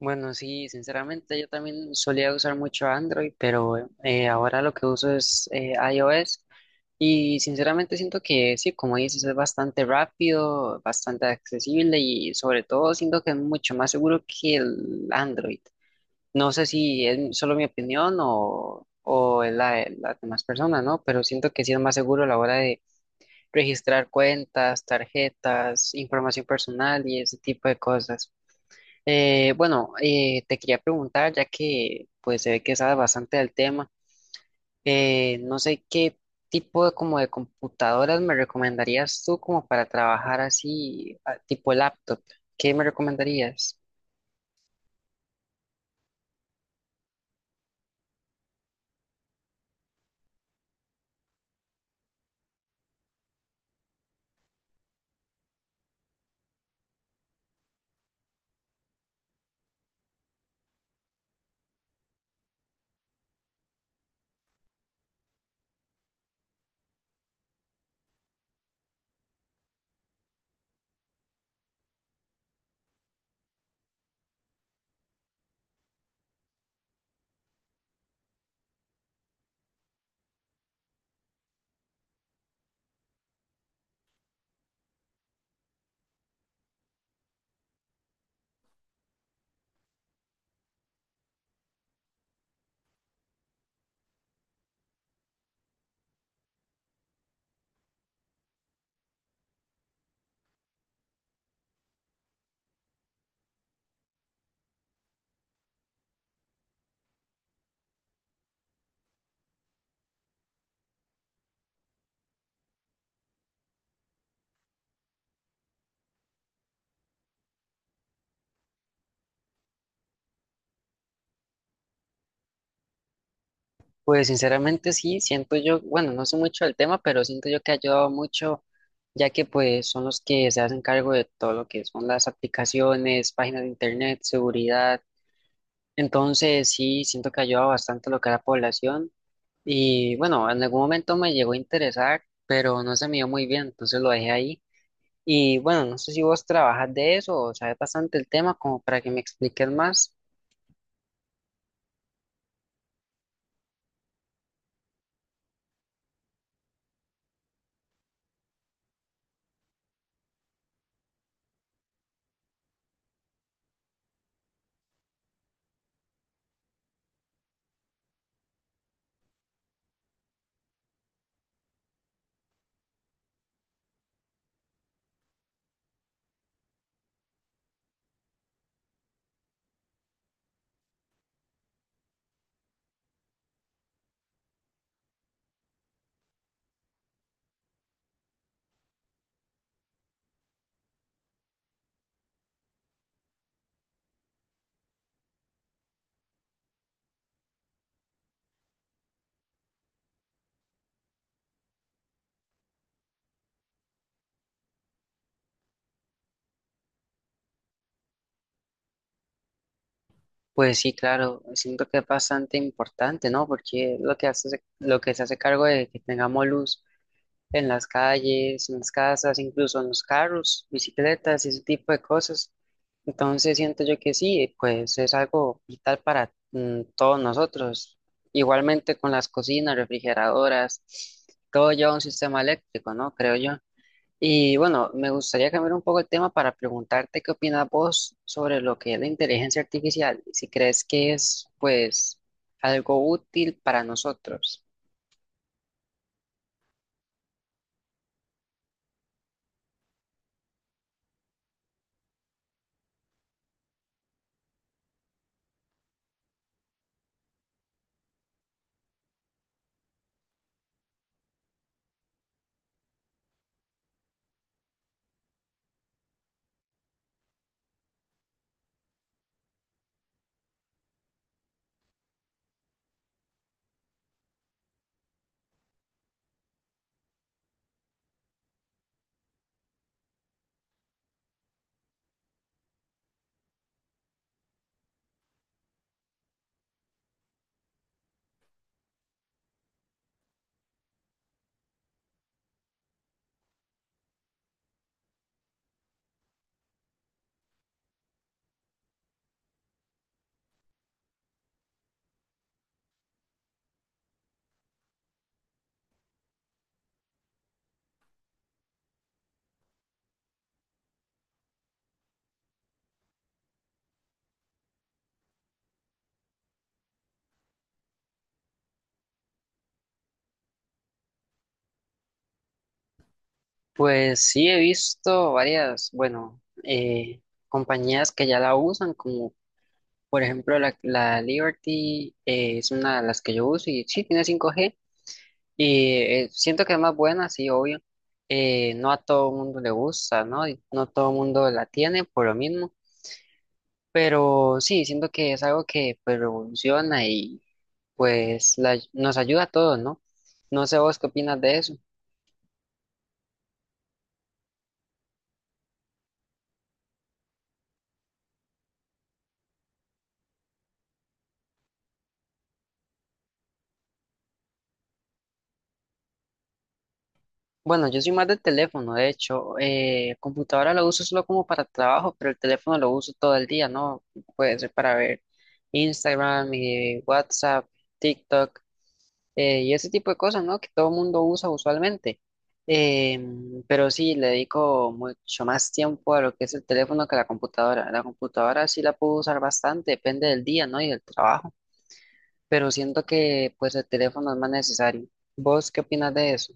Bueno, sí, sinceramente yo también solía usar mucho Android, pero ahora lo que uso es iOS y sinceramente siento que sí, como dices, es bastante rápido, bastante accesible y sobre todo siento que es mucho más seguro que el Android. No sé si es solo mi opinión o es la de las demás personas, ¿no? Pero siento que sí es más seguro a la hora de registrar cuentas, tarjetas, información personal y ese tipo de cosas. Bueno, te quería preguntar, ya que pues se ve que sabes bastante del tema, no sé qué tipo de, como de computadoras me recomendarías tú como para trabajar así, tipo laptop, ¿qué me recomendarías? Pues sinceramente sí, siento yo, bueno, no sé mucho del tema, pero siento yo que ha ayudado mucho, ya que pues son los que se hacen cargo de todo lo que son las aplicaciones, páginas de internet, seguridad, entonces sí, siento que ha ayudado bastante a lo que es la población. Y bueno, en algún momento me llegó a interesar, pero no se me dio muy bien, entonces lo dejé ahí. Y bueno, no sé si vos trabajas de eso o sabes bastante el tema como para que me expliques más. Pues sí, claro, siento que es bastante importante, ¿no? Porque lo que hace, lo que se hace cargo de que tengamos luz en las calles, en las casas, incluso en los carros, bicicletas y ese tipo de cosas. Entonces siento yo que sí, pues es algo vital para todos nosotros. Igualmente con las cocinas, refrigeradoras, todo lleva un sistema eléctrico, ¿no? Creo yo. Y bueno, me gustaría cambiar un poco el tema para preguntarte qué opinas vos sobre lo que es la inteligencia artificial, y si crees que es pues algo útil para nosotros. Pues sí, he visto varias, bueno, compañías que ya la usan, como por ejemplo la Liberty, es una de las que yo uso y sí, tiene 5G y siento que es más buena, sí, obvio. No a todo el mundo le gusta, ¿no? Y no todo el mundo la tiene por lo mismo, pero sí, siento que es algo que pues revoluciona y pues nos ayuda a todos, ¿no? No sé vos qué opinas de eso. Bueno, yo soy más del teléfono, de hecho, computadora la uso solo como para trabajo, pero el teléfono lo uso todo el día, ¿no? Puede ser para ver Instagram, WhatsApp, TikTok. Y ese tipo de cosas, ¿no? Que todo el mundo usa usualmente. Pero sí, le dedico mucho más tiempo a lo que es el teléfono que a la computadora. La computadora sí la puedo usar bastante, depende del día, ¿no? Y del trabajo. Pero siento que pues el teléfono es más necesario. ¿Vos qué opinas de eso?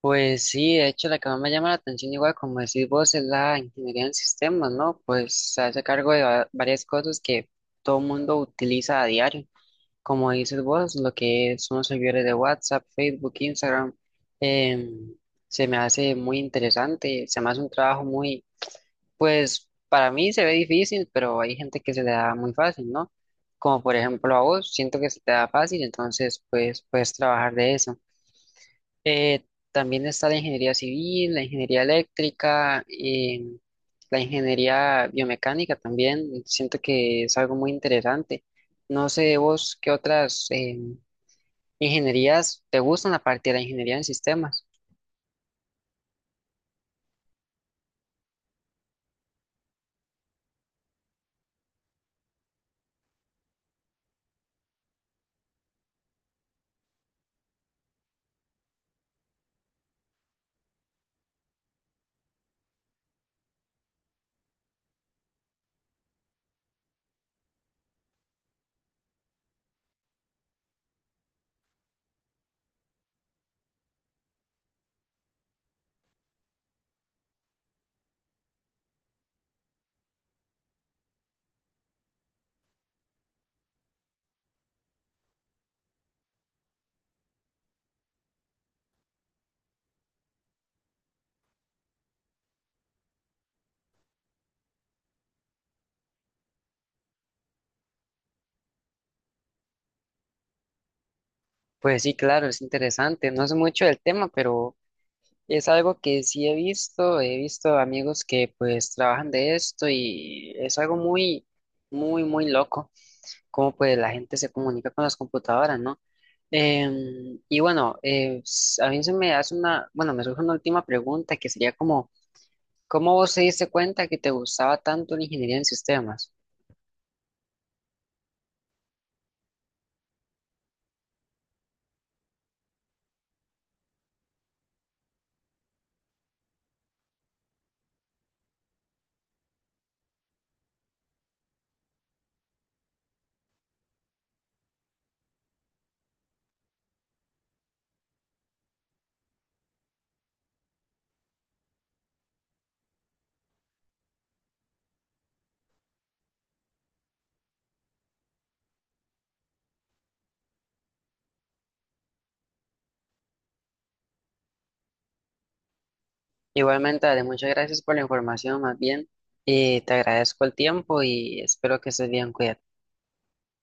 Pues sí, de hecho la que más me llama la atención, igual como decís vos, es la ingeniería en sistemas, ¿no? Pues se hace cargo de varias cosas que todo el mundo utiliza a diario, como dices vos, lo que son los servidores de WhatsApp, Facebook, Instagram, em, se me hace muy interesante, se me hace un trabajo muy, pues para mí se ve difícil, pero hay gente que se le da muy fácil, ¿no? Como por ejemplo a vos, siento que se te da fácil, entonces pues puedes trabajar de eso. Eh, También está la ingeniería civil, la ingeniería eléctrica, la ingeniería biomecánica también. Siento que es algo muy interesante. No sé vos qué otras ingenierías te gustan aparte de la ingeniería en sistemas. Pues sí, claro, es interesante. No sé mucho del tema, pero es algo que sí he visto. He visto amigos que pues trabajan de esto y es algo muy, muy, muy loco. Cómo pues la gente se comunica con las computadoras, ¿no? Y bueno, a mí se me hace una, bueno, me surge una última pregunta que sería como, ¿cómo vos te diste cuenta que te gustaba tanto la ingeniería en sistemas? Igualmente, Ale, muchas gracias por la información, más bien, te agradezco el tiempo y espero que estés bien, cuídate.